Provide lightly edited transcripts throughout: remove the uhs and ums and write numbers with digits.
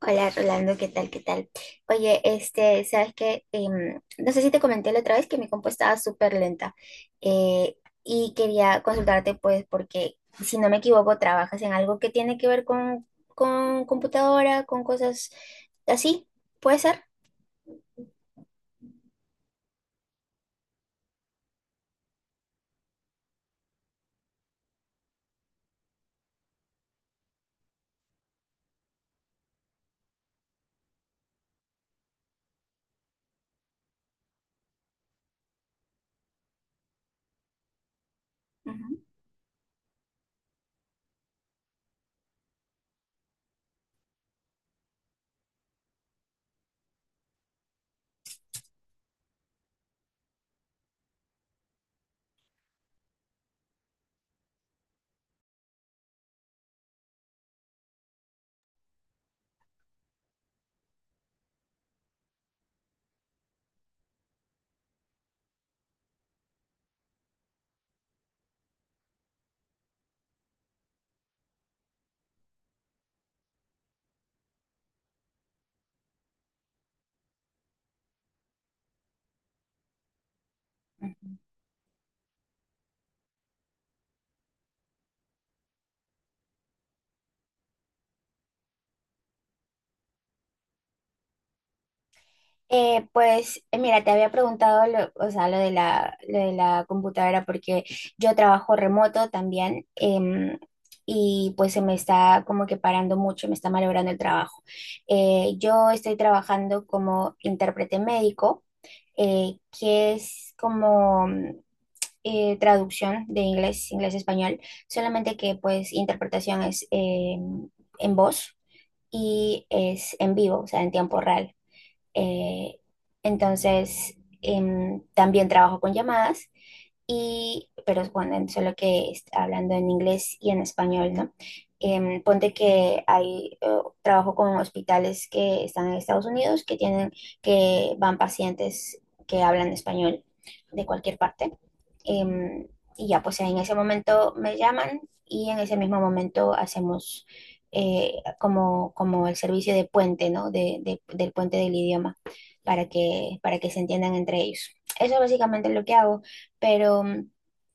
Hola Rolando, ¿qué tal? ¿Qué tal? Oye, este, sabes que no sé si te comenté la otra vez que mi compu estaba súper lenta, eh, y quería consultarte, pues, porque si no me equivoco, trabajas en algo que tiene que ver con computadora, con cosas así, ¿puede ser? Ujú. Ujú. Mira, te había preguntado lo, o sea, lo de la computadora porque yo trabajo remoto también, y pues se me está como que parando mucho, me está malogrando el trabajo. Yo estoy trabajando como intérprete médico, que es como traducción de inglés, inglés-español, solamente que pues interpretación es en voz y es en vivo, o sea, en tiempo real. Eh, entonces, también trabajo con llamadas y, pero bueno, solo que hablando en inglés y en español, ¿no? Em, ponte que hay, trabajo con hospitales que están en Estados Unidos que tienen, que van pacientes que hablan español de cualquier parte. Em, y ya, pues en ese momento me llaman y en ese mismo momento hacemos eh, como, como el servicio de puente, ¿no? De, del puente del idioma, para que se entiendan entre ellos. Eso es básicamente lo que hago, pero...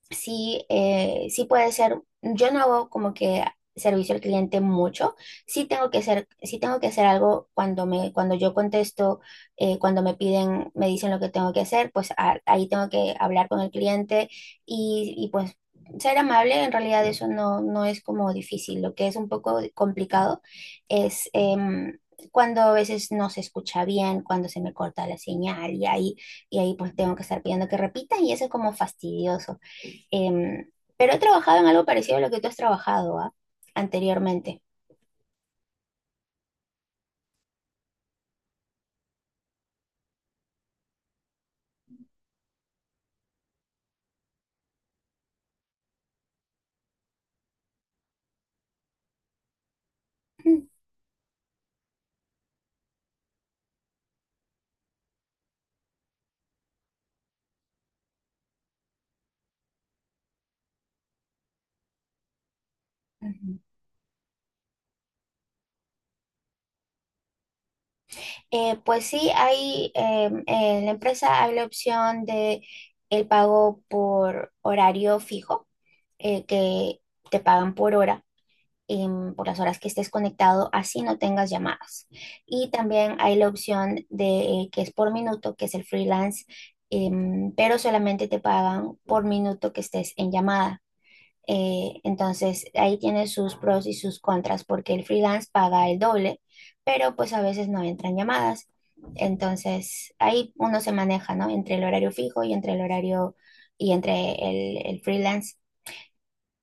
sí, sí puede ser. Yo no hago como que servicio al cliente mucho. Sí tengo que hacer, sí tengo que hacer algo cuando me, cuando yo contesto, cuando me piden, me dicen lo que tengo que hacer, pues ahí tengo que hablar con el cliente y, pues ser amable. En realidad eso no, no es como difícil. Lo que es un poco complicado es cuando a veces no se escucha bien, cuando se me corta la señal y ahí pues tengo que estar pidiendo que repita y eso es como fastidioso. Em, pero he trabajado en algo parecido a lo que tú has trabajado, ¿ah? Anteriormente. Mm. Ujú. Pues sí, hay, en la empresa hay la opción de el pago por horario fijo, que te pagan por hora, por las horas que estés conectado, así no tengas llamadas. Y también hay la opción de que es por minuto, que es el freelance, pero solamente te pagan por minuto que estés en llamada. Entonces, ahí tiene sus pros y sus contras porque el freelance paga el doble, pero pues a veces no entran llamadas. Entonces, ahí uno se maneja, ¿no? Entre el horario fijo y entre el horario y entre el freelance.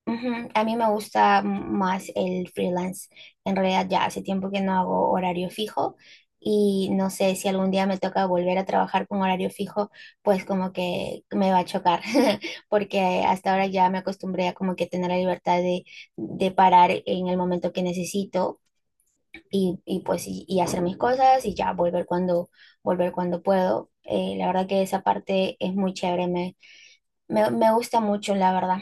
Ujú, a mí me gusta más el freelance. En realidad ya hace tiempo que no hago horario fijo y no sé si algún día me toca volver a trabajar con horario fijo, pues como que me va a chocar, porque hasta ahora ya me acostumbré a como que tener la libertad de parar en el momento que necesito y pues y hacer mis cosas y ya volver cuando puedo. La verdad que esa parte es muy chévere, me gusta mucho, la verdad.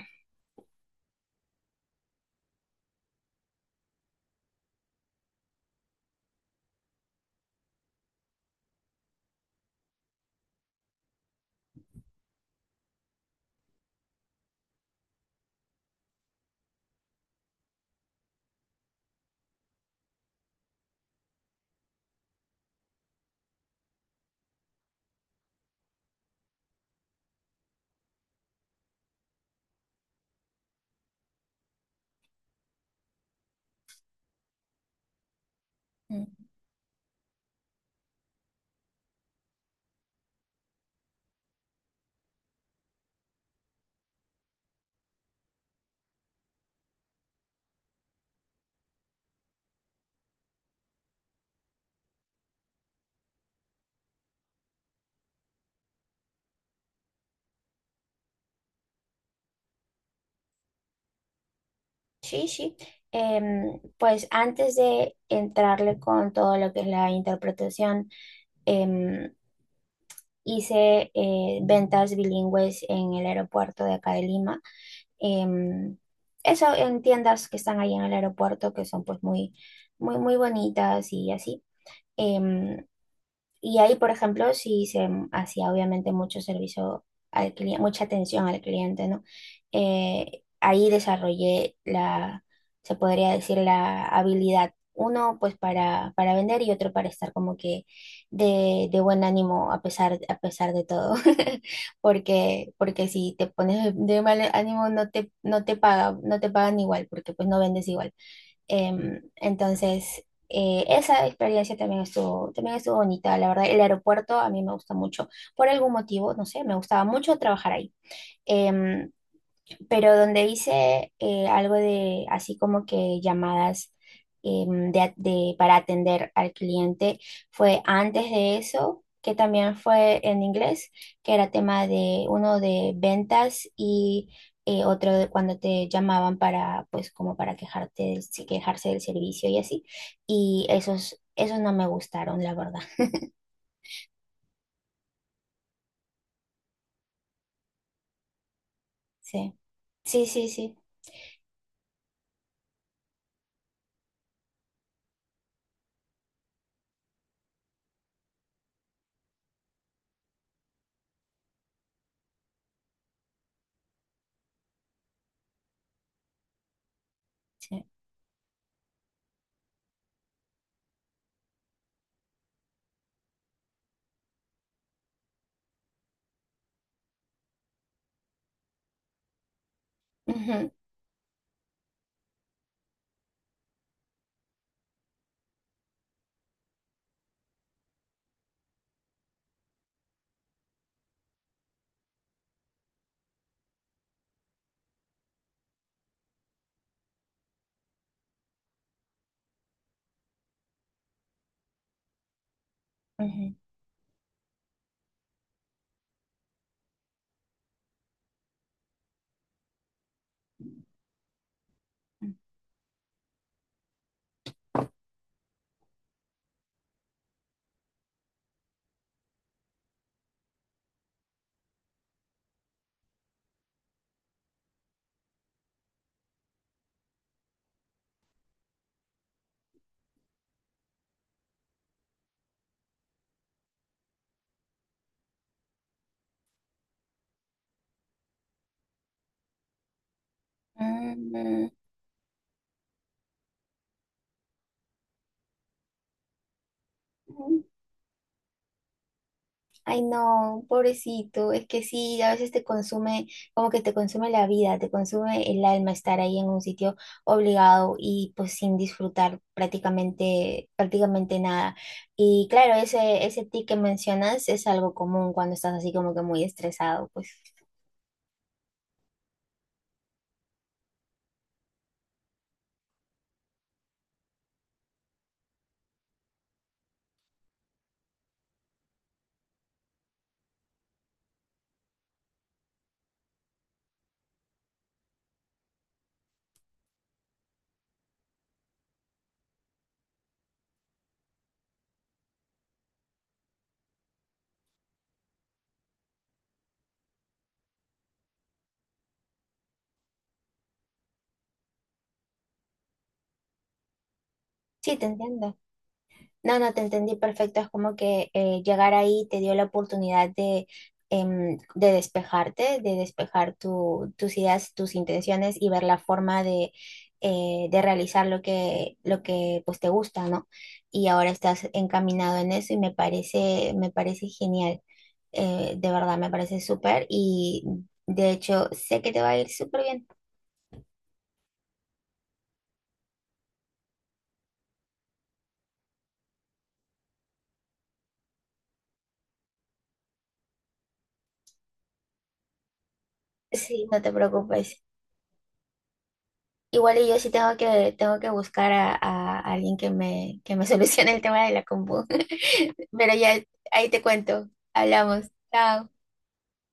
Sí, sí. Pues antes de entrarle con todo lo que es la interpretación, em, hice ventas bilingües en el aeropuerto de acá de Lima. em, Eso en tiendas que están ahí en el aeropuerto, que son pues muy, muy, muy bonitas y así. Em, y ahí, por ejemplo, sí se hacía obviamente mucho servicio al cliente, mucha atención al cliente, ¿no? Ahí desarrollé la, se podría decir, la habilidad, uno pues para vender y otro para estar como que de buen ánimo a pesar de todo, porque, porque si te pones de mal ánimo no te, no te paga, no te pagan igual, porque pues no vendes igual. Entonces, esa experiencia también estuvo bonita, la verdad. El aeropuerto a mí me gusta mucho. Por algún motivo, no sé, me gustaba mucho trabajar ahí. Em, pero donde hice algo de así como que llamadas de, para atender al cliente fue antes de eso, que también fue en inglés, que era tema de uno de ventas y otro de cuando te llamaban para, pues como para quejarte sí, quejarse del servicio y así. Y esos, esos no me gustaron, la verdad. Sí, sí, sí, sí. Sí. Ujú, ujú. Mm. Mm, ay, no, pobrecito, es que sí, a veces te consume, como que te consume la vida, te consume el alma estar ahí en un sitio obligado y pues sin disfrutar prácticamente, prácticamente nada. Y claro, ese tic que mencionas es algo común cuando estás así como que muy estresado, pues sí, te entiendo. No, no, te entendí perfecto. Es como que llegar ahí te dio la oportunidad de, de despejarte, de despejar tus ideas, tus intenciones y ver la forma de realizar lo que pues, te gusta, ¿no? Y ahora estás encaminado en eso y me parece genial. De verdad, me parece súper y de hecho sé que te va a ir súper bien. Sí, no te preocupes. Igual y yo sí tengo que buscar a alguien que me solucione el tema de la compu. Pero ya ahí te cuento. Hablamos. Chao.